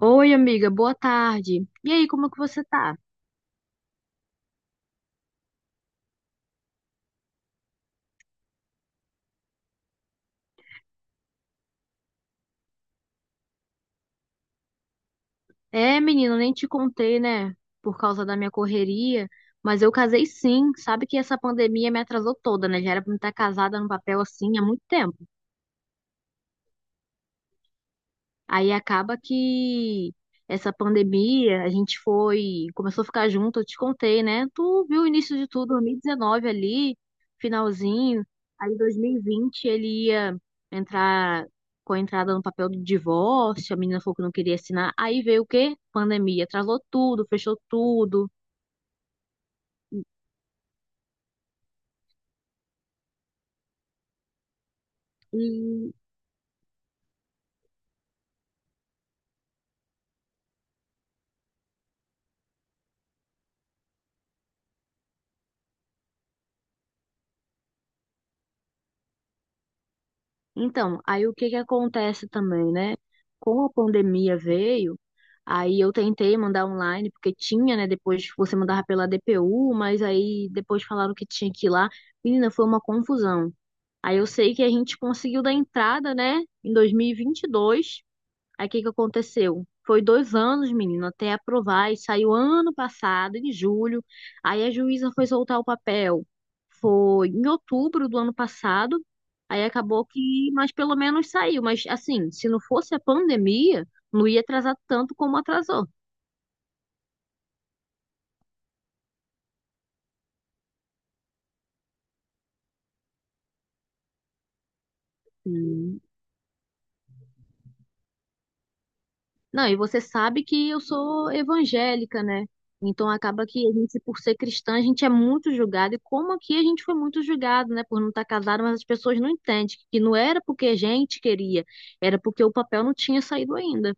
Oi, amiga, boa tarde. E aí, como é que você tá? É, menina, nem te contei, né? Por causa da minha correria, mas eu casei sim. Sabe que essa pandemia me atrasou toda, né? Já era pra me estar casada no papel assim há muito tempo. Aí acaba que essa pandemia, a gente foi, começou a ficar junto, eu te contei, né? Tu viu o início de tudo, 2019 ali, finalzinho. Aí 2020 ele ia entrar com a entrada no papel do divórcio, a menina falou que não queria assinar. Aí veio o quê? Pandemia, atrasou tudo, fechou tudo. E então, aí o que que acontece também, né? Com a pandemia veio. Aí eu tentei mandar online, porque tinha, né? Depois você mandava pela DPU, mas aí depois falaram que tinha que ir lá. Menina, foi uma confusão. Aí eu sei que a gente conseguiu dar entrada, né? Em 2022. Aí o que que aconteceu? Foi 2 anos, menina, até aprovar. E saiu ano passado, em julho. Aí a juíza foi soltar o papel. Foi em outubro do ano passado. Aí acabou que, mas pelo menos saiu. Mas assim, se não fosse a pandemia, não ia atrasar tanto como atrasou. Sim. Não, e você sabe que eu sou evangélica, né? Então acaba que a gente, por ser cristã, a gente é muito julgado. E como aqui a gente foi muito julgado, né? Por não estar casado, mas as pessoas não entendem que não era porque a gente queria, era porque o papel não tinha saído ainda.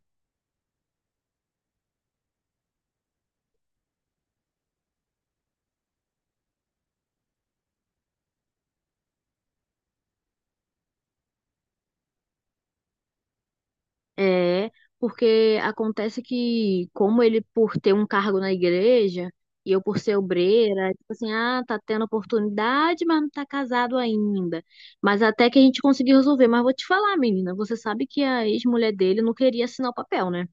É, porque acontece que, como ele por ter um cargo na igreja, e eu por ser obreira, tipo assim, ah, tá tendo oportunidade, mas não tá casado ainda. Mas até que a gente conseguiu resolver. Mas vou te falar, menina, você sabe que a ex-mulher dele não queria assinar o papel, né?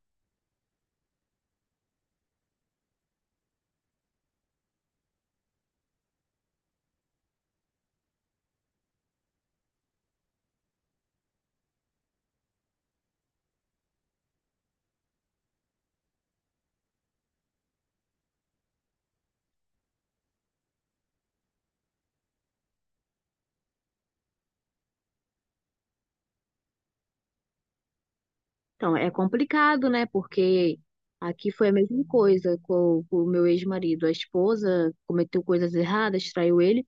Então é complicado, né? Porque aqui foi a mesma coisa com o meu ex-marido. A esposa cometeu coisas erradas, traiu ele.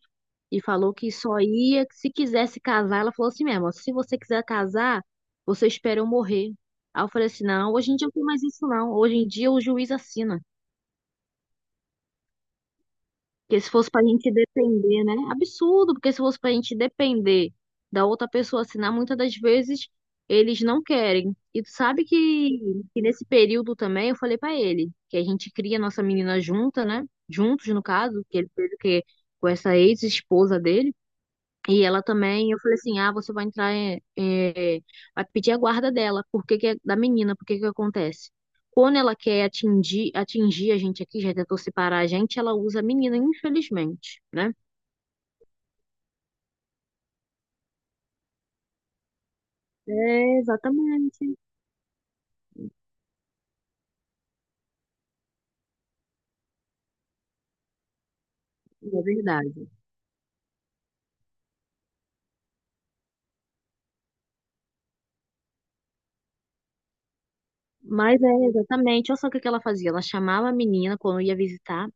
E falou que só ia se quisesse casar. Ela falou assim mesmo: ó, se você quiser casar, você espera eu morrer. Aí eu falei assim: não, hoje em dia não tem mais isso, não. Hoje em dia o juiz assina. Porque se fosse pra gente depender, né? Absurdo, porque se fosse pra gente depender da outra pessoa assinar, muitas das vezes eles não querem. E tu sabe que nesse período também eu falei pra ele que a gente cria nossa menina junta, né? Juntos, no caso, que ele fez o quê? Com essa ex-esposa dele. E ela também, eu falei assim, ah, você vai entrar, vai pedir a guarda dela, porque que é da menina, porque que acontece? Quando ela quer atingir a gente aqui, já tentou separar a gente, ela usa a menina, infelizmente, né? É, exatamente, é verdade. Mas é, exatamente, olha só o que que ela fazia, ela chamava a menina quando ia visitar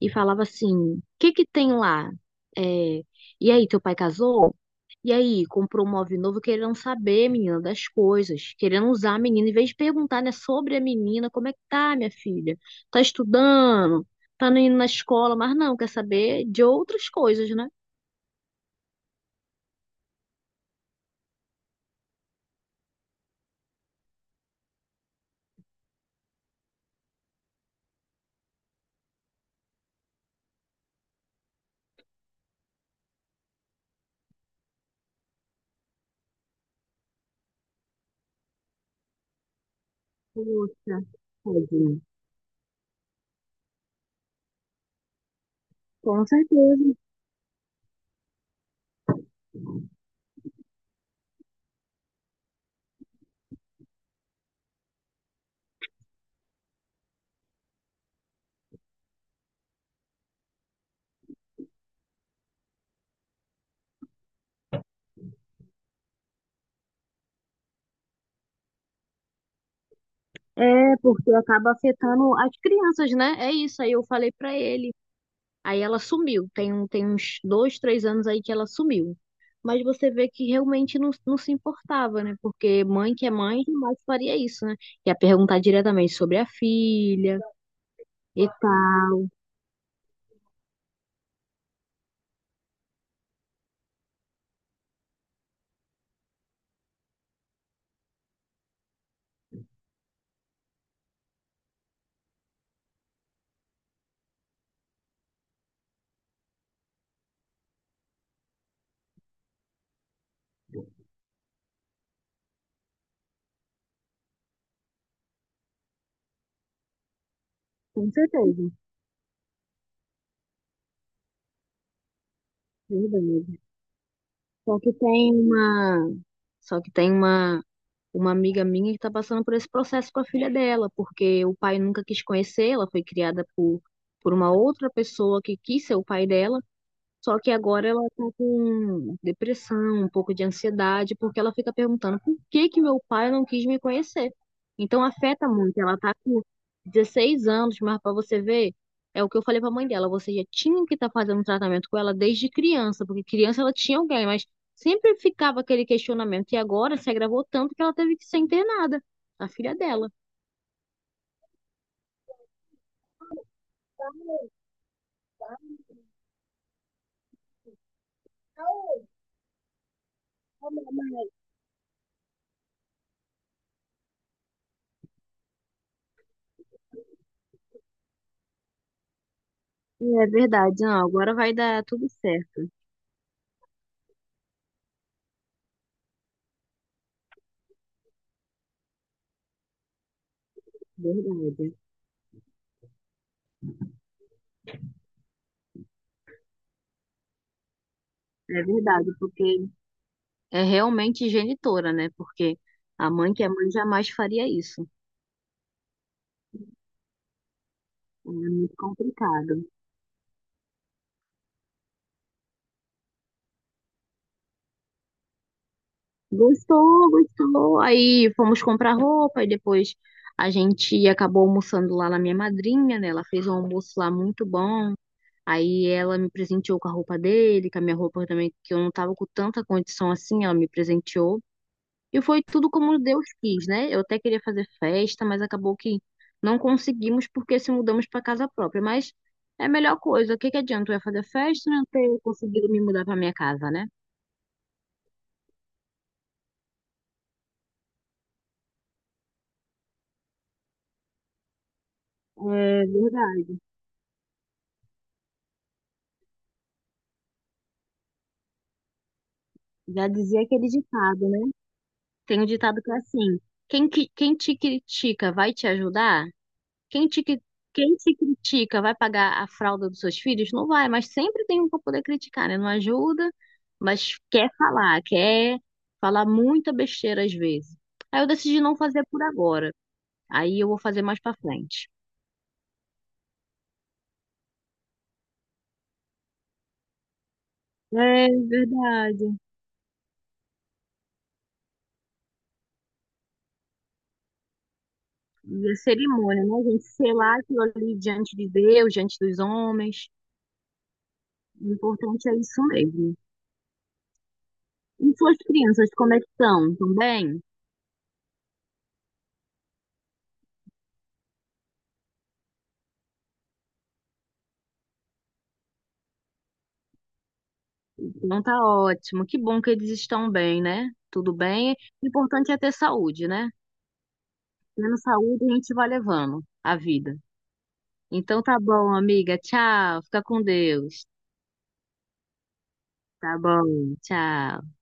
e falava assim, o que que tem lá? É, e aí, teu pai casou? E aí, comprou um móvel novo querendo saber, menina, das coisas, querendo usar a menina, em vez de perguntar, né, sobre a menina, como é que tá, minha filha? Tá estudando? Tá não indo na escola? Mas não, quer saber de outras coisas, né? Poxa, tadinho. Com certeza. É, porque acaba afetando as crianças, né? É isso, aí eu falei pra ele. Aí ela sumiu. Tem uns 2, 3 anos aí que ela sumiu. Mas você vê que realmente não, não se importava, né? Porque mãe que é mãe jamais faria isso, né? Ia perguntar diretamente sobre a filha e tal. Com certeza, verdade. Só que tem uma, só que tem uma amiga minha que tá passando por esse processo com a filha dela, porque o pai nunca quis conhecer, ela foi criada por uma outra pessoa que quis ser o pai dela. Só que agora ela tá com depressão, um pouco de ansiedade, porque ela fica perguntando por que que meu pai não quis me conhecer. Então afeta muito. Ela tá com 16 anos, mas para você ver, é o que eu falei para a mãe dela, você já tinha que estar fazendo tratamento com ela desde criança, porque criança ela tinha alguém, mas sempre ficava aquele questionamento. E agora se agravou tanto que ela teve que ser internada, a filha dela. É verdade, não, agora vai dar tudo certo. Verdade. É verdade, porque é realmente genitora, né? Porque a mãe que é mãe jamais faria isso. É muito complicado. Gostou, gostou. Aí fomos comprar roupa e depois a gente acabou almoçando lá na minha madrinha, né? Ela fez um almoço lá muito bom. Aí ela me presenteou com a roupa dele, com a minha roupa também, que eu não tava com tanta condição assim, ela me presenteou. E foi tudo como Deus quis, né? Eu até queria fazer festa, mas acabou que não conseguimos porque se mudamos para casa própria. Mas é a melhor coisa. O que que adianta eu ia fazer festa e não ter conseguido me mudar para minha casa, né? É verdade. Já dizia aquele ditado, né? Tem um ditado que é assim: quem te critica vai te ajudar? Quem te, cri- quem te critica vai pagar a fralda dos seus filhos? Não vai, mas sempre tem um para poder criticar, né? Não ajuda, mas quer falar muita besteira às vezes. Aí eu decidi não fazer por agora. Aí eu vou fazer mais para frente. É verdade. E a cerimônia, né, gente? Selar aquilo ali diante de Deus, diante dos homens. O importante é isso mesmo. E suas crianças, como é que estão? Estão bem? Então tá ótimo. Que bom que eles estão bem, né? Tudo bem. O importante é ter saúde, né? Tendo saúde, a gente vai levando a vida. Então tá bom, amiga. Tchau. Fica com Deus. Tá bom. Tchau.